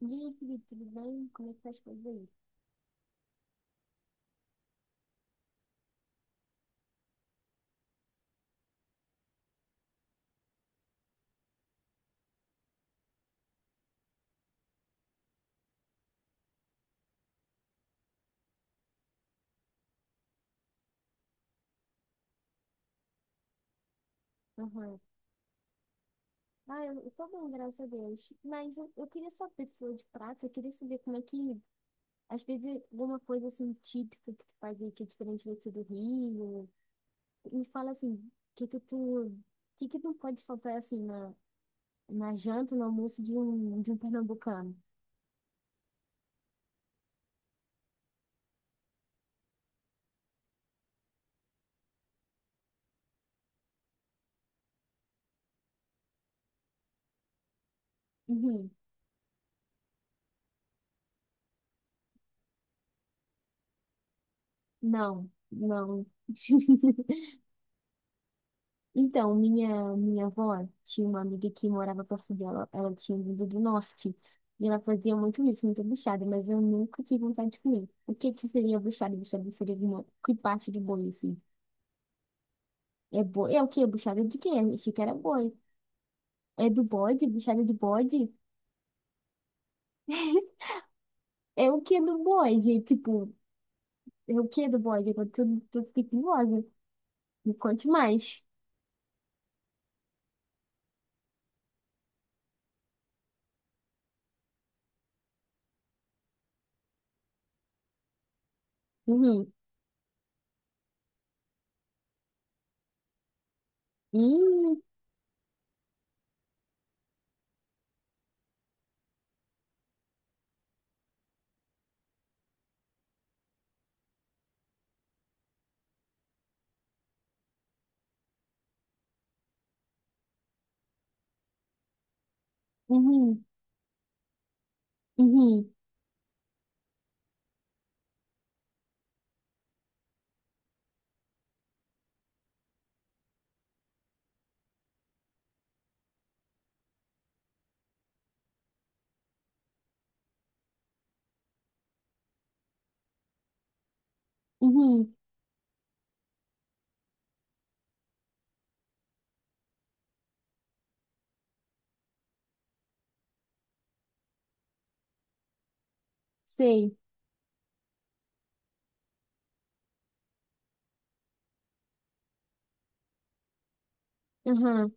E aí, Felipe, tudo bem? Como é que tá as coisas aí? Aham. Ah, eu tô bem, graças a Deus. Mas eu queria saber, tu falou de prato, eu queria saber como é que, às vezes, alguma coisa assim típica que tu faz aí que é diferente daqui do Rio. Me fala assim, o que que tu, o que que não pode faltar assim na janta, no almoço de um pernambucano? Uhum. Não, não. Então, minha avó tinha uma amiga que morava perto dela, ela tinha vindo do norte, e ela fazia muito isso, muita buchada, mas eu nunca tive vontade de comer. O que que seria buchada? Buchada seria uma que parte de boi, assim. É boi? É o quê? Buchada de quê? Achei que era boi. É do bode? Buchada de bode? É o que do bode? Tipo, é o que do bode? Agora tu fiquei curiosa. Me conte mais. Uhum. Uhum. Uhum. Uhum. Uhum. Sei. Aham.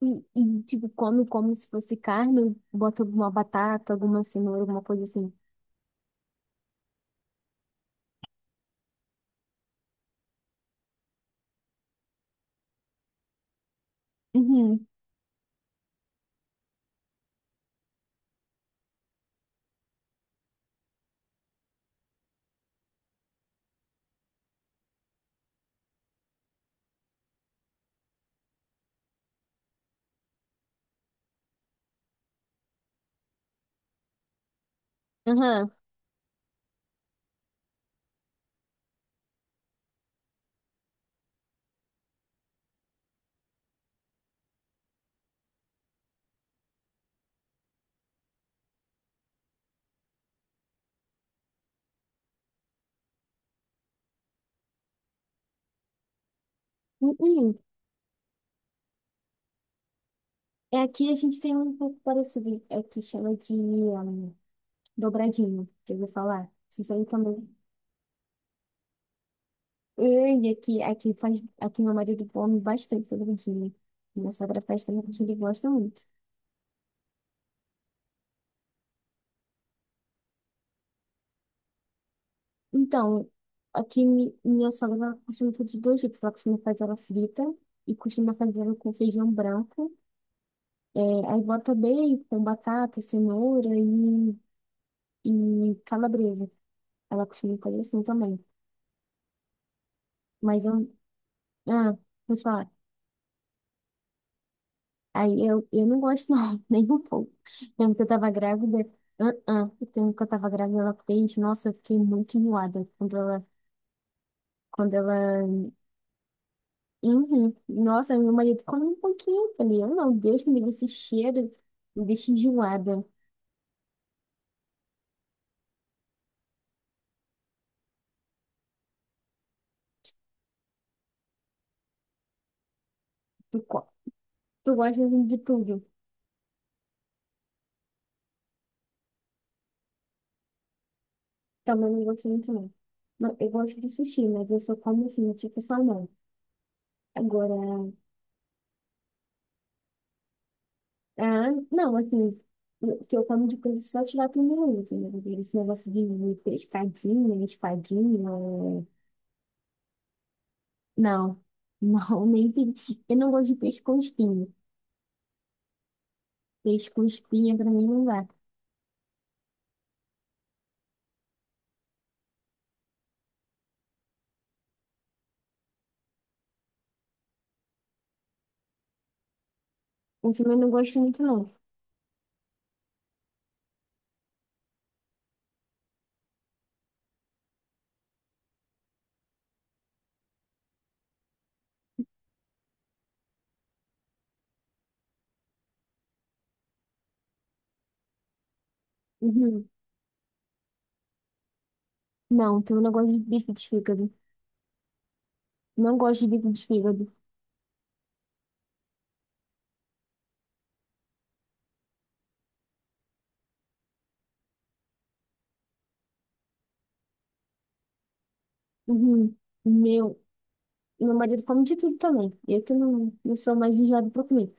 E, tipo, come como se fosse carne, bota alguma batata, alguma cenoura, alguma coisa assim. Uhum, aham. Uhum. É, aqui a gente tem um pouco parecido, é que chama de dobradinho, que eu vou falar. Isso aí também. E aqui, aqui faz, aqui meu marido come bastante dobradinho. Minha sogra faz também, porque ele gosta muito. Então, aqui minha sogra ela costuma fazer de dois jeitos. Ela costuma fazer ela frita e costuma fazer ela com feijão branco. É, aí bota bacon, batata, cenoura e calabresa. Ela costuma fazer assim também. Mas eu. Ah, vou te falar. Aí eu não gosto, não, nem um pouco. Lembro que eu tava grávida. Ah, ah. O tempo que eu tava grávida, ela fez. Nossa, eu fiquei muito enjoada quando ela. Quando ela. Uhum. Nossa, meu marido come um pouquinho. Eu falei, eu não, Deus me livre esse cheiro. Me deixa enjoada. Tu, co- Tu gosta assim, de tudo. Também não gosto muito, não. Não, eu gosto de sushi, mas eu só como assim, tipo salmão. Agora, ah, não, assim, o que eu como de coisa só tirar primeiro, assim, né? Esse negócio de pescadinha, espadinha. Não, não, nem tem. Eu não gosto de peixe com espinho. Peixe com espinha pra mim não dá. Eu também não gosto muito, não. Uhum. Não, então eu não gosto de bife de fígado. Não gosto de bife de fígado. Uhum. Meu. E meu marido come de tudo também. Eu que não, não sou mais enjoada pra comer.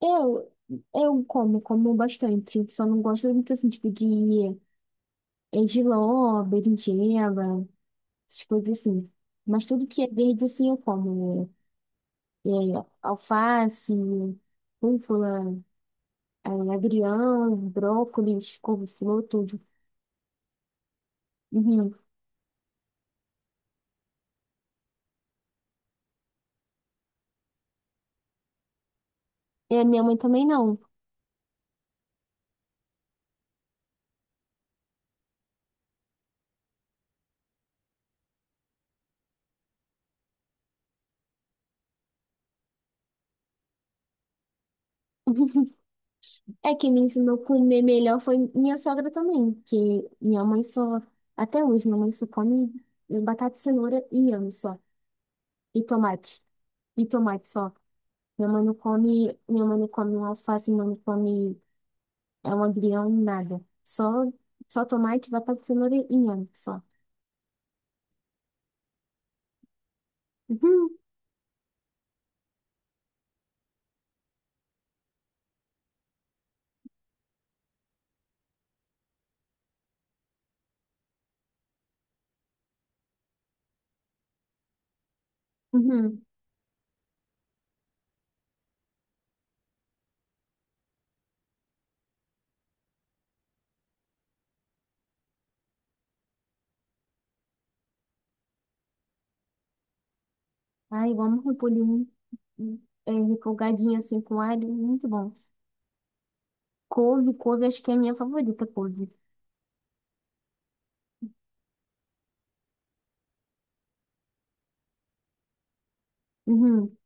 Eu, eu como, como bastante. Só não gosto muito assim, tipo, de jiló, berinjela, essas coisas assim. Mas tudo que é verde, assim, eu como. É, alface, rúcula, agrião, brócolis, couve-flor, tudo. Uhum. E a minha mãe também não. É, quem me ensinou a comer melhor foi minha sogra também, que minha mãe só, até hoje, minha mãe só come batata, cenoura e inhame só, e tomate, e tomate só. Minha mãe não come, minha mãe não come um alface, minha mãe não come é um agrião, nada. Só, só tomate, batata, cenoura e inhame só. Uhum, uhum. Ai, eu amo repolho, é, refogadinho assim com alho, muito bom. Couve, acho que é a minha favorita, couve. Uhum.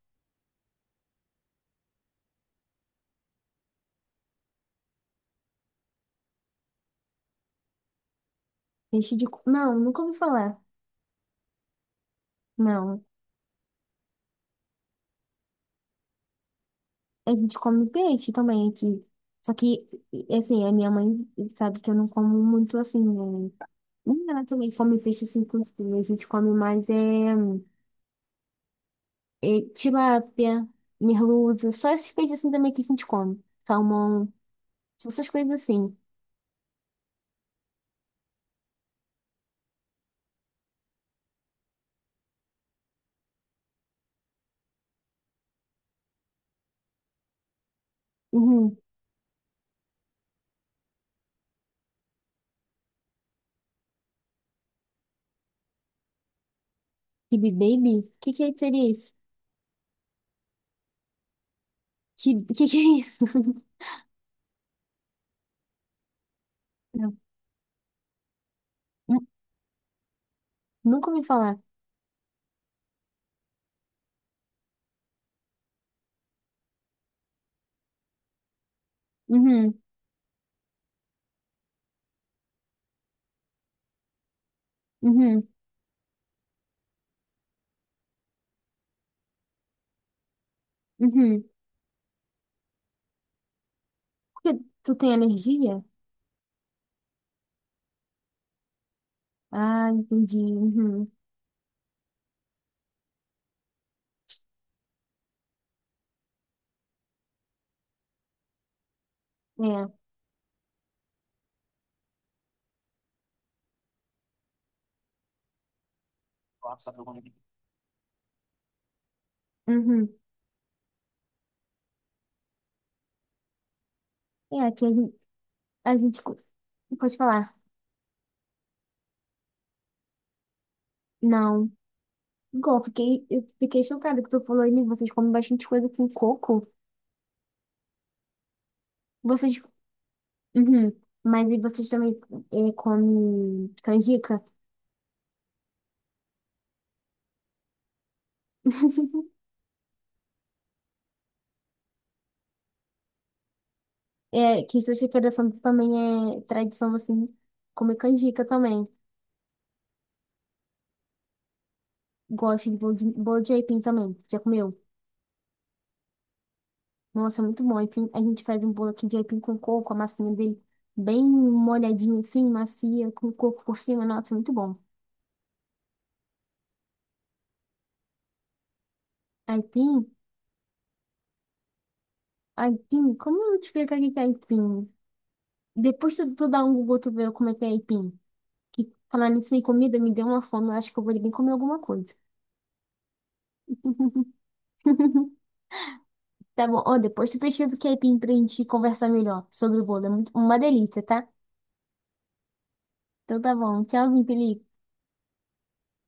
Peixe de... Não, nunca ouvi falar. Não, a gente come peixe também aqui. Só que, assim, a minha mãe sabe que eu não como muito assim, né? Nem ela também come peixe assim com espinha. A gente come mais é, é tilápia, merluza, só esses peixes assim também que a gente come. Salmão, só essas coisas assim. Uhum. Kibe baby? O que que seria isso? Que que é isso? Não, nu- nunca ouvi falar. Uhum, uhum, uhum. Porque tu tem alergia? Ah, entendi. Uhum. É. Uhum. É, aqui a gente pode falar. Não. Igual, eu fiquei chocada que tu falou aí, né? Vocês comem bastante coisa com coco. Vocês. Uhum. Mas e vocês também comem canjica? É, que sexta-feira também é tradição, assim, comer canjica também. Gosto de bolo de, bolo de aipim também. Já comeu? Nossa, é muito bom. Aipim, a gente faz um bolo aqui de aipim com coco, a massinha dele bem molhadinha assim, macia, com coco por cima. Nossa, é muito bom. Aipim. Aipim? Como eu te explicar o que que é aipim? Depois tu dá um Google, tu vê como é que é aipim. Que falar nisso em comida me deu uma fome, eu acho que eu vou ali bem comer alguma coisa. Tá bom, ó, depois tu pesquisa o que é aipim pra gente conversar melhor sobre o bolo. É muito, uma delícia, tá? Então tá bom, tchauzinho, Felipe.